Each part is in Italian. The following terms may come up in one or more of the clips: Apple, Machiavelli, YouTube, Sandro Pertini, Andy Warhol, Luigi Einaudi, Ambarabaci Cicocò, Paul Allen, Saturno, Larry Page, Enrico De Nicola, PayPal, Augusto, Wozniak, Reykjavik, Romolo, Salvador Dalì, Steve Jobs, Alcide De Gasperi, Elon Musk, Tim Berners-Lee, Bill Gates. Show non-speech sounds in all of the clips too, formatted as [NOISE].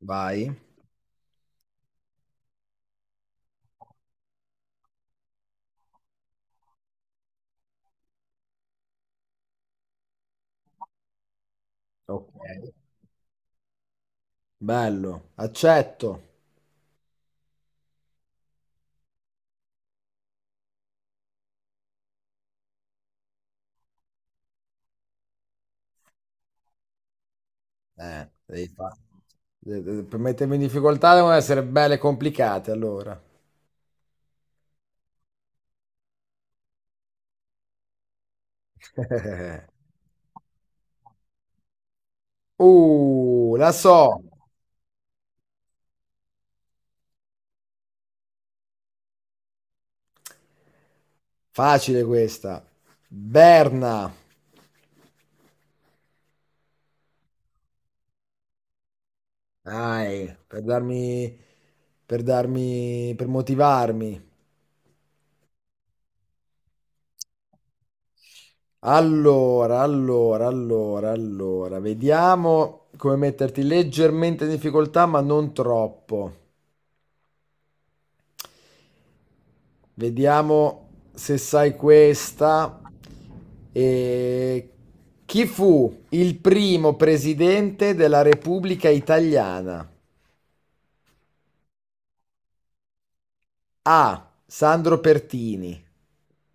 Vai. Ok. Bello. Accetto. Devi fare. Per mettermi in difficoltà devono essere belle e complicate, allora. La so. Facile questa. Berna. Dai, per darmi, per motivarmi. Allora, vediamo come metterti leggermente in difficoltà, ma non troppo. Vediamo se sai questa. E Chi fu il primo presidente della Repubblica Italiana? A. Sandro Pertini.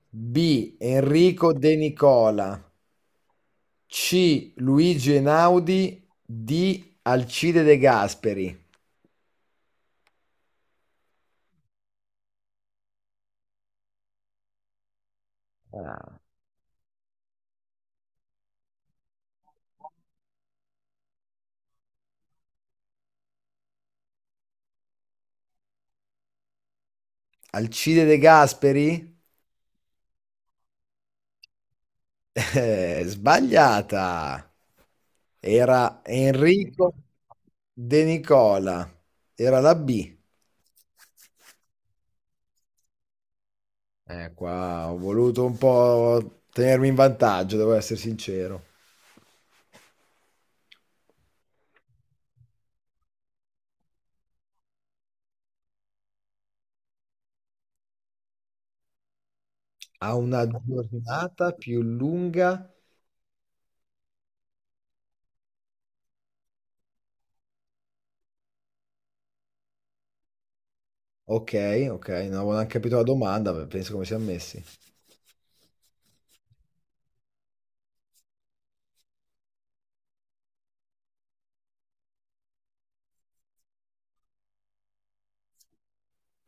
B. Enrico De Nicola. C. Luigi Einaudi. D. Alcide De Gasperi. Ah, Alcide De Gasperi? Sbagliata. Era Enrico De Nicola. Era la B. Qua ho voluto un po' tenermi in vantaggio, devo essere sincero. Ha una giornata più lunga. Ok, ok, non avevo neanche capito la domanda, beh, penso come siamo messi.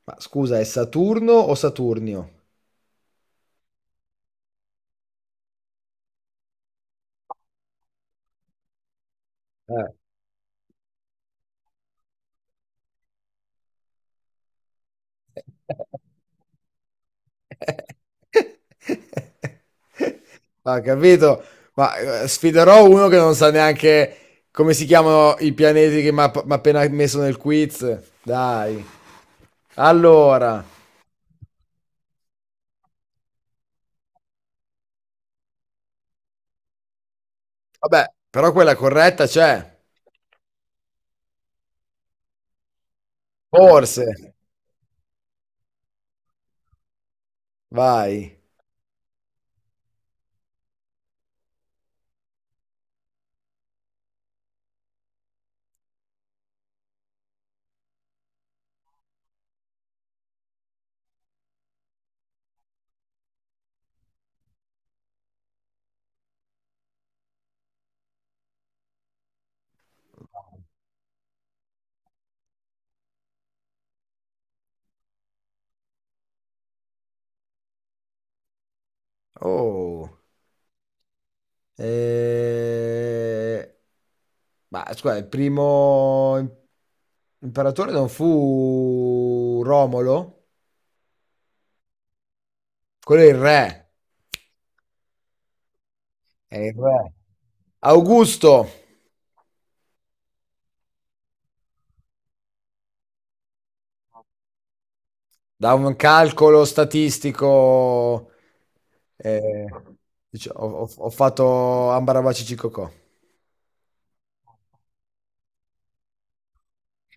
Ma scusa, è Saturno o Saturnio? Eh, [LAUGHS] Ma capito? Ma sfiderò uno che non sa neanche come si chiamano i pianeti che mi ha appena messo nel quiz. Dai. Allora, vabbè, però quella corretta c'è. Forse. Vai. Oh. Eh, Ma scusa, il primo imperatore non fu Romolo? Quello è il re. È il re. Augusto. Da un calcolo statistico, eh, ho fatto Ambarabaci Cicocò.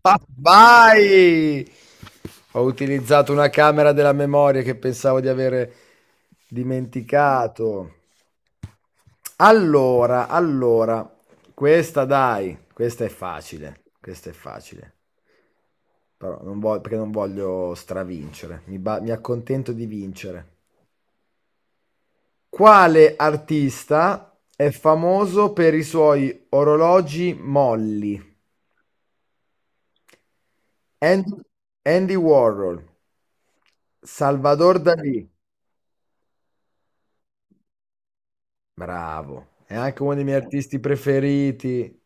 Ah, vai! Ho utilizzato una camera della memoria che pensavo di avere dimenticato. Allora, questa dai, questa è facile, questa è facile. Però non voglio, perché non voglio stravincere, mi accontento di vincere. Quale artista è famoso per i suoi orologi molli? An- Andy Warhol, Salvador Dalì, bravo, è anche uno dei miei artisti preferiti,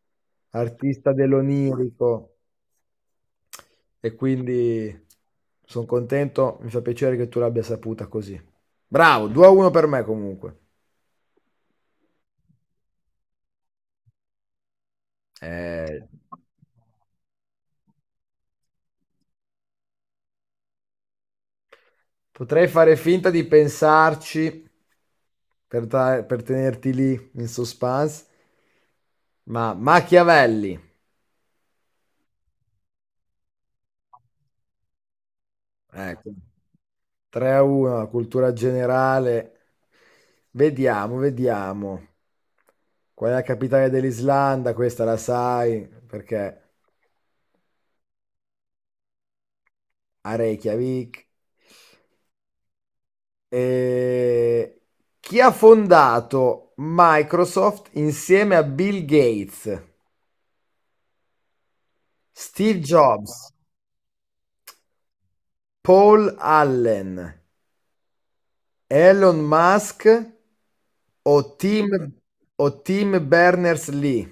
artista dell'onirico e quindi sono contento, mi fa piacere che tu l'abbia saputa così. Bravo, 2-1 per me comunque. Eh, Potrei fare finta di pensarci, per tenerti lì in suspense. Ma Machiavelli, ecco, 3-1, la cultura generale. Vediamo, vediamo. Qual è la capitale dell'Islanda? Questa la sai perché a Reykjavik. E chi ha fondato Microsoft insieme a Bill Gates, Steve Jobs, Paul Allen? Elon Musk o Tim, o Tim Berners-Lee?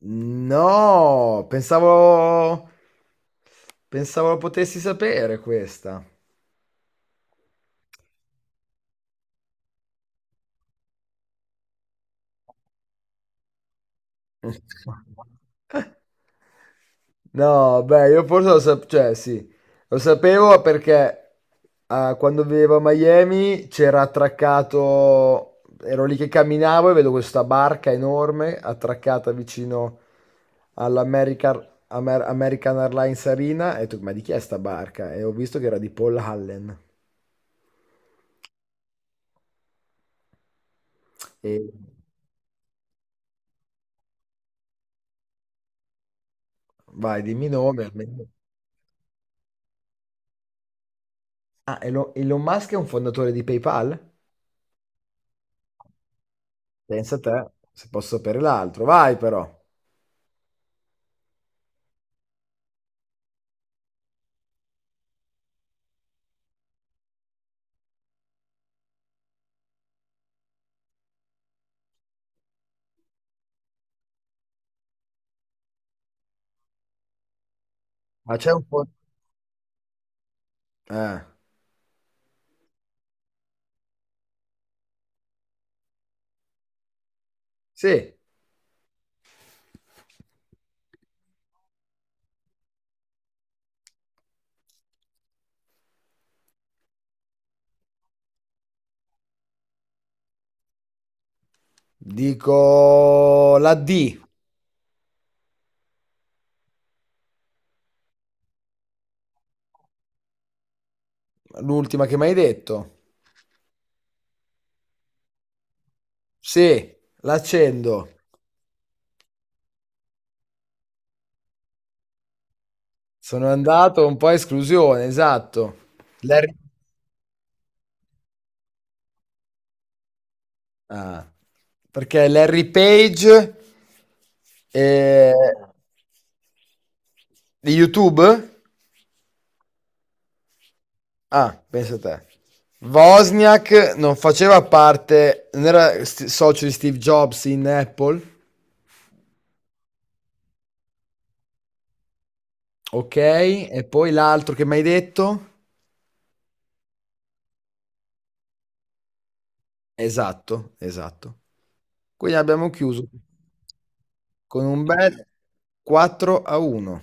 No, pensavo lo potessi sapere questa. [LAUGHS] No, beh, io forse lo sapevo, cioè sì, lo sapevo perché quando vivevo a Miami c'era attraccato, ero lì che camminavo e vedo questa barca enorme attraccata vicino American Airlines Arena e ho detto, ma di chi è sta barca? E ho visto che era di Paul Allen. E... Vai, dimmi nome almeno. Ah, Elon Musk è un fondatore di PayPal? Pensa a te, se posso sapere l'altro. Vai però. Ma c'è un po'. Eh. Sì, dico la D, l'ultima che mi hai detto. Sì, l'accendo. Sono andato un po' a esclusione, esatto. Larry- Ah, perché Larry Page e... di YouTube? Ah, pensa te. Wozniak non faceva parte, non era socio di Steve Jobs in Apple. Ok, e poi l'altro che mi hai detto? Esatto, esatto. Quindi abbiamo chiuso con un bel 4-1.